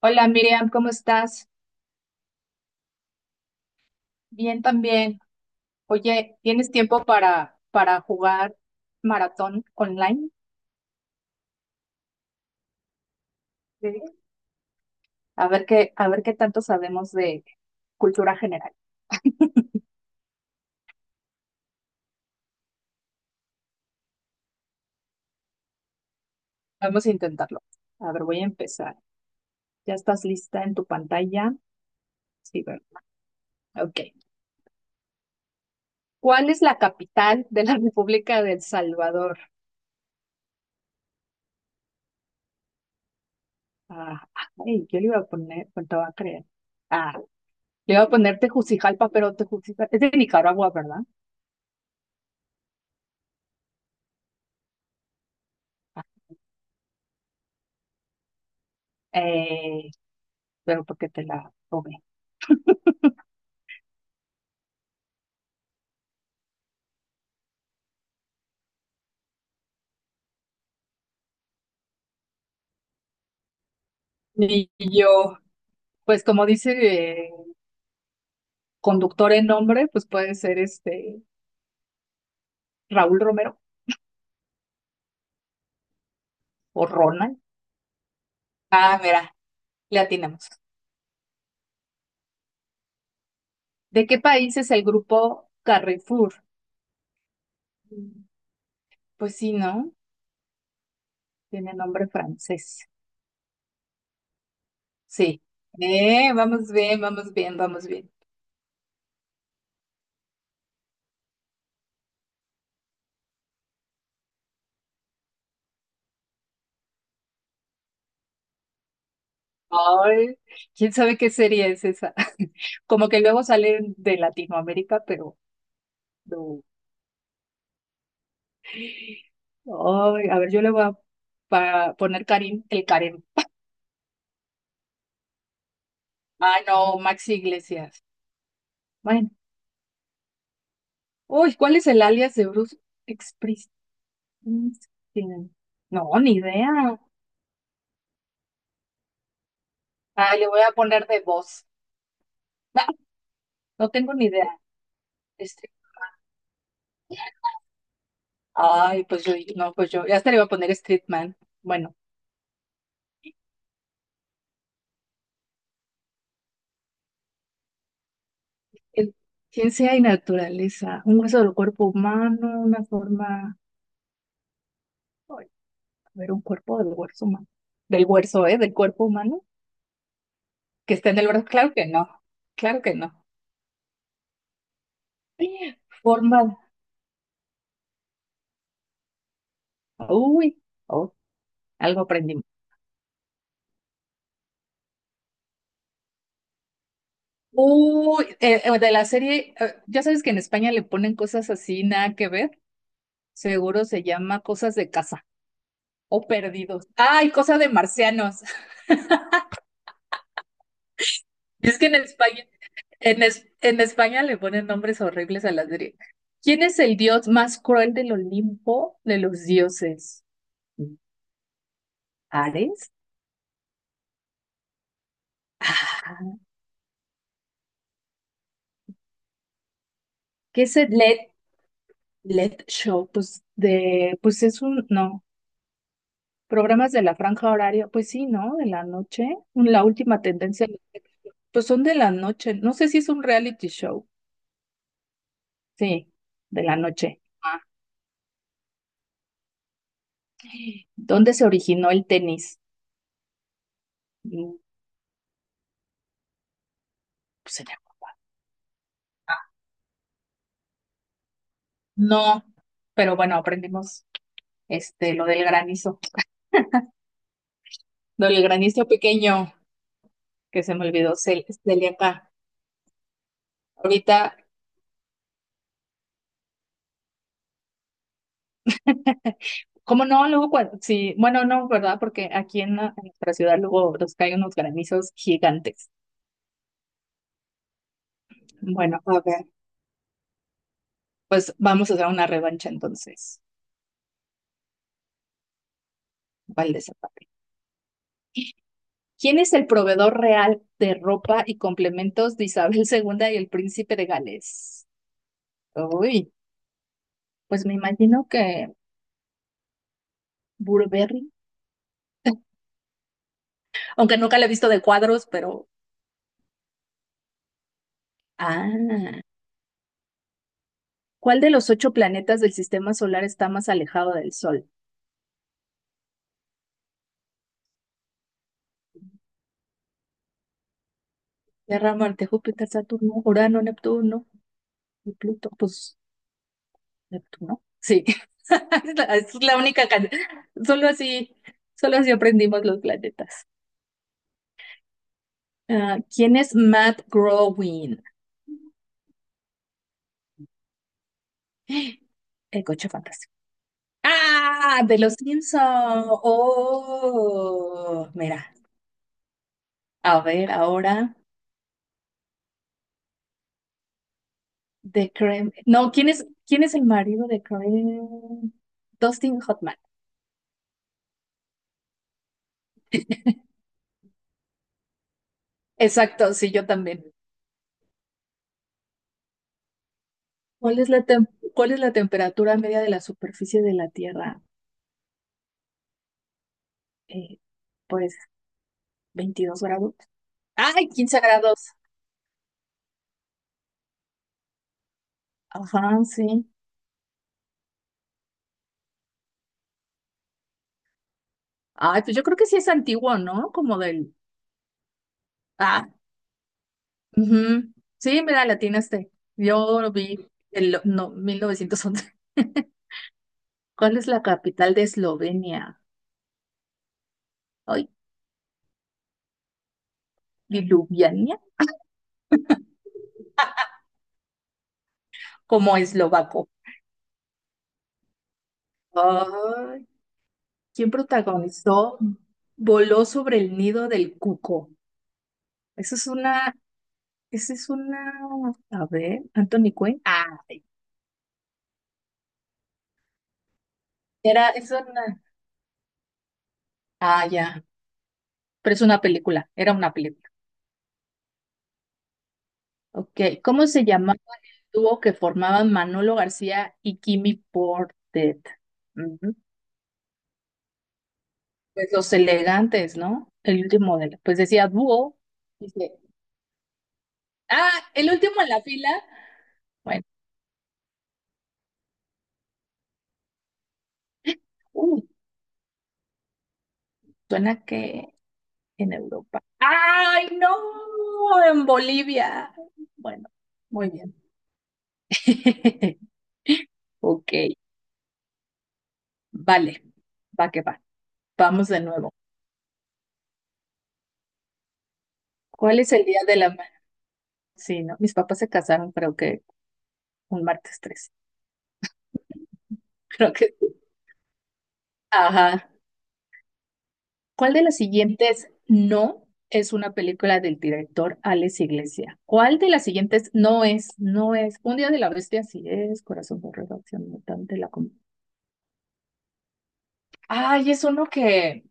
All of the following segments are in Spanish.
Hola Miriam, ¿cómo estás? Bien también. Oye, ¿tienes tiempo para jugar maratón online? Sí. A ver qué tanto sabemos de cultura general. Vamos a intentarlo. A ver, voy a empezar. ¿Ya estás lista en tu pantalla? Sí, bueno. Ok. ¿Cuál es la capital de la República de El Salvador? Ah, ay, yo le iba a poner, ¿cuánto va a creer? Ah, le iba a poner Tegucigalpa, pero Tegucigalpa es de Nicaragua, ¿verdad? Ah, Eh. pero porque te la robé. Y yo, pues como dice eh, conductor en nombre, pues puede ser este Raúl Romero o Ronald. Ah, mira, le atinamos. ¿De qué país es el grupo Carrefour? Mm, Pues sí, ¿no? Tiene nombre francés. Sí. Vamos bien, vamos bien, vamos bien. Ay, quién sabe qué serie es esa. Como que luego salen de Latinoamérica, pero no. Ay, a ver, yo le voy a poner Karim, el Karim. Ah, no, Maxi Iglesias. Bueno. Uy, ¿cuál es el alias de Bruce Springsteen? No, ni idea. Ah, le voy a poner de voz. Ah, no tengo ni idea. Este, ay, pues yo, no, pues yo, ya hasta le iba a poner Streetman. Bueno, el- ciencia y naturaleza. Un hueso del cuerpo humano, una forma. Ay, a ver, un cuerpo del hueso humano. Del hueso, ¿eh? Del cuerpo humano. Que está en el brazo. Claro que no, claro que no. Forma, uy, oh, algo aprendimos. Uy, de la serie, ya sabes que en España le ponen cosas así, nada que ver. Seguro se llama cosas de casa o perdidos. Ay, cosa de marcianos. Es que en España, en España le ponen nombres horribles a la serie. ¿Quién es el dios más cruel del Olimpo de los dioses? ¿Ares? Ah, ¿qué es el Led? Let Show, pues de, pues es un, no, programas de la franja horaria, pues sí, ¿no? De la noche, la última tendencia, pues son de la noche, no sé si es un reality show, sí, de la noche. Ah. ¿Dónde se originó el tenis? Mm, Pues en Europa. No, pero bueno, aprendimos este, lo del granizo pequeño, que se me olvidó, Celia acá. Ahorita como no, luego cuando, sí, bueno, no, ¿verdad? Porque aquí en, en nuestra ciudad luego nos caen unos granizos gigantes. Bueno, a ver, pues vamos a hacer una revancha entonces. Vale, Zapata. ¿Quién es el proveedor real de ropa y complementos de Isabel II y el príncipe de Gales? Uy, pues me imagino que Burberry, aunque nunca la he visto de cuadros, pero... Ah, ¿cuál de los ocho planetas del sistema solar está más alejado del Sol? Tierra, Marte, Júpiter, Saturno, Urano, Neptuno. Y Pluto, pues Neptuno. Sí, es la única can- Solo así, solo así aprendimos los planetas. Ah, ¿quién es Matt Groening? El coche fantástico. ¡Ah! De los Simpson. Oh, mira. A ver, ahora de Kramer. No, ¿quién es el marido de Kramer? Dustin Hoffman. Exacto, sí, yo también. ¿Cuál es la tem- cuál es la temperatura media de la superficie de la Tierra? Eh, pues 22 grados. Ay, 15 grados. Ajá, sí. Ay, pues yo creo que sí es antiguo, ¿no? Como del... Ah, ujú. Sí, mira, la atinaste. Yo lo vi en no, 1911. ¿Cuál es la capital de Eslovenia? Ay, Ljubljana, como eslovaco. Ay, ¿quién protagonizó Voló sobre el nido del cuco? Esa es una, esa es una, a ver, Anthony Quinn. Ah, era, es una, ah, ya. Pero es una película, era una película. Ok, ¿cómo se llamaba el dúo que formaban Manolo García y Kimi Portet? Ujú. Pues los elegantes, ¿no? El último pues decía dúo. Dice, ah, el último en la fila. Bueno, uh, suena que en Europa. ¡Ay, no! En Bolivia. Bueno, muy bien. Ok, vale, va que va. Vamos de nuevo. ¿Cuál es el día de la Sí, ¿no? Mis papás se casaron, creo que un martes 3. Creo que. Sí. Ajá. ¿Cuál de las siguientes no es una película del director Alex Iglesia? ¿Cuál de las siguientes no es? No es. Un día de la bestia, sí es. Corazón borrado, acción mutante, ay, es uno que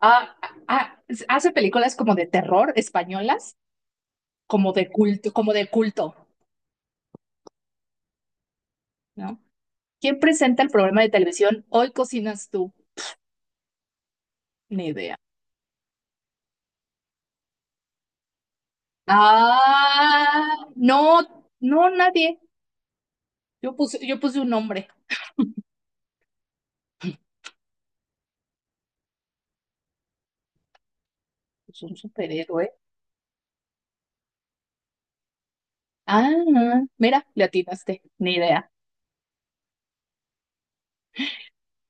ah, ah, hace películas como de terror españolas, como de culto, ¿no? ¿Quién presenta el programa de televisión Hoy cocinas tú? Ni idea. Ah, no, no, nadie. Yo puse un nombre. Pues un superhéroe. Ah, mira, le atinaste. Ni idea.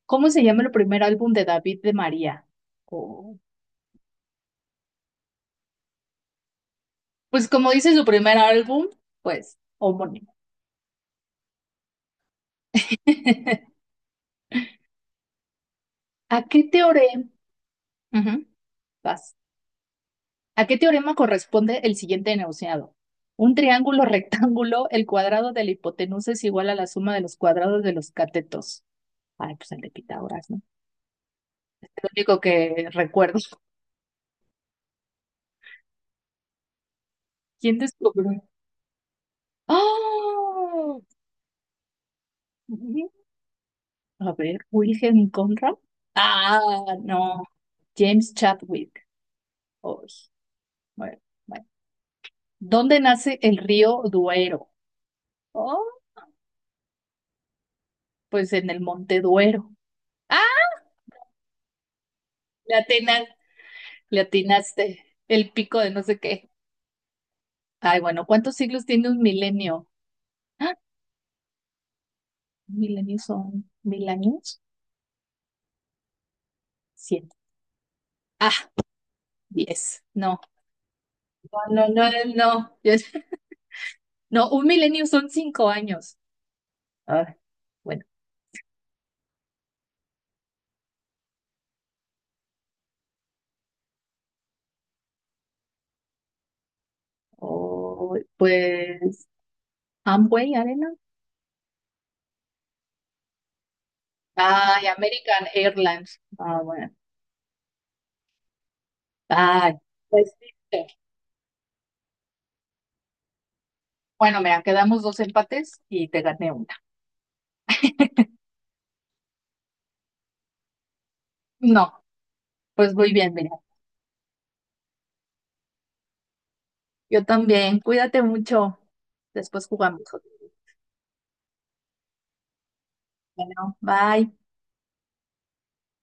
¿Cómo se llama el primer álbum de David de María? Oh, pues como dice su primer álbum, pues homónimo. ¿A qué teorema? Ujú, vas. ¿A qué teorema corresponde el siguiente enunciado? Un triángulo rectángulo, el cuadrado de la hipotenusa es igual a la suma de los cuadrados de los catetos. Ay, pues el de Pitágoras, lo único que recuerdo. ¿Quién descubrió? ¡Ah! A ver, Wilhelm Conrad. Ah, no. James Chadwick. Ay, bueno, bueno. ¿Dónde nace el río Duero? Oh, pues en el Monte Duero. ¡Ah! Le atina- le atinaste. El pico de no sé qué. Ay, bueno, ¿cuántos siglos tiene un milenio? ¡Ah! ¿Un milenio son 1000 años? Siete. Ah, 10. No, no, no, no. No. No, un milenio son 5 años. Ah, bueno, pues Amway Arena. Ay, American Airlines. Ah, bueno. Ay, pues listo. Bueno, mira, quedamos dos empates y te gané una. No, pues muy bien, mira. Yo también. Cuídate mucho. Después jugamos. Bueno, bye.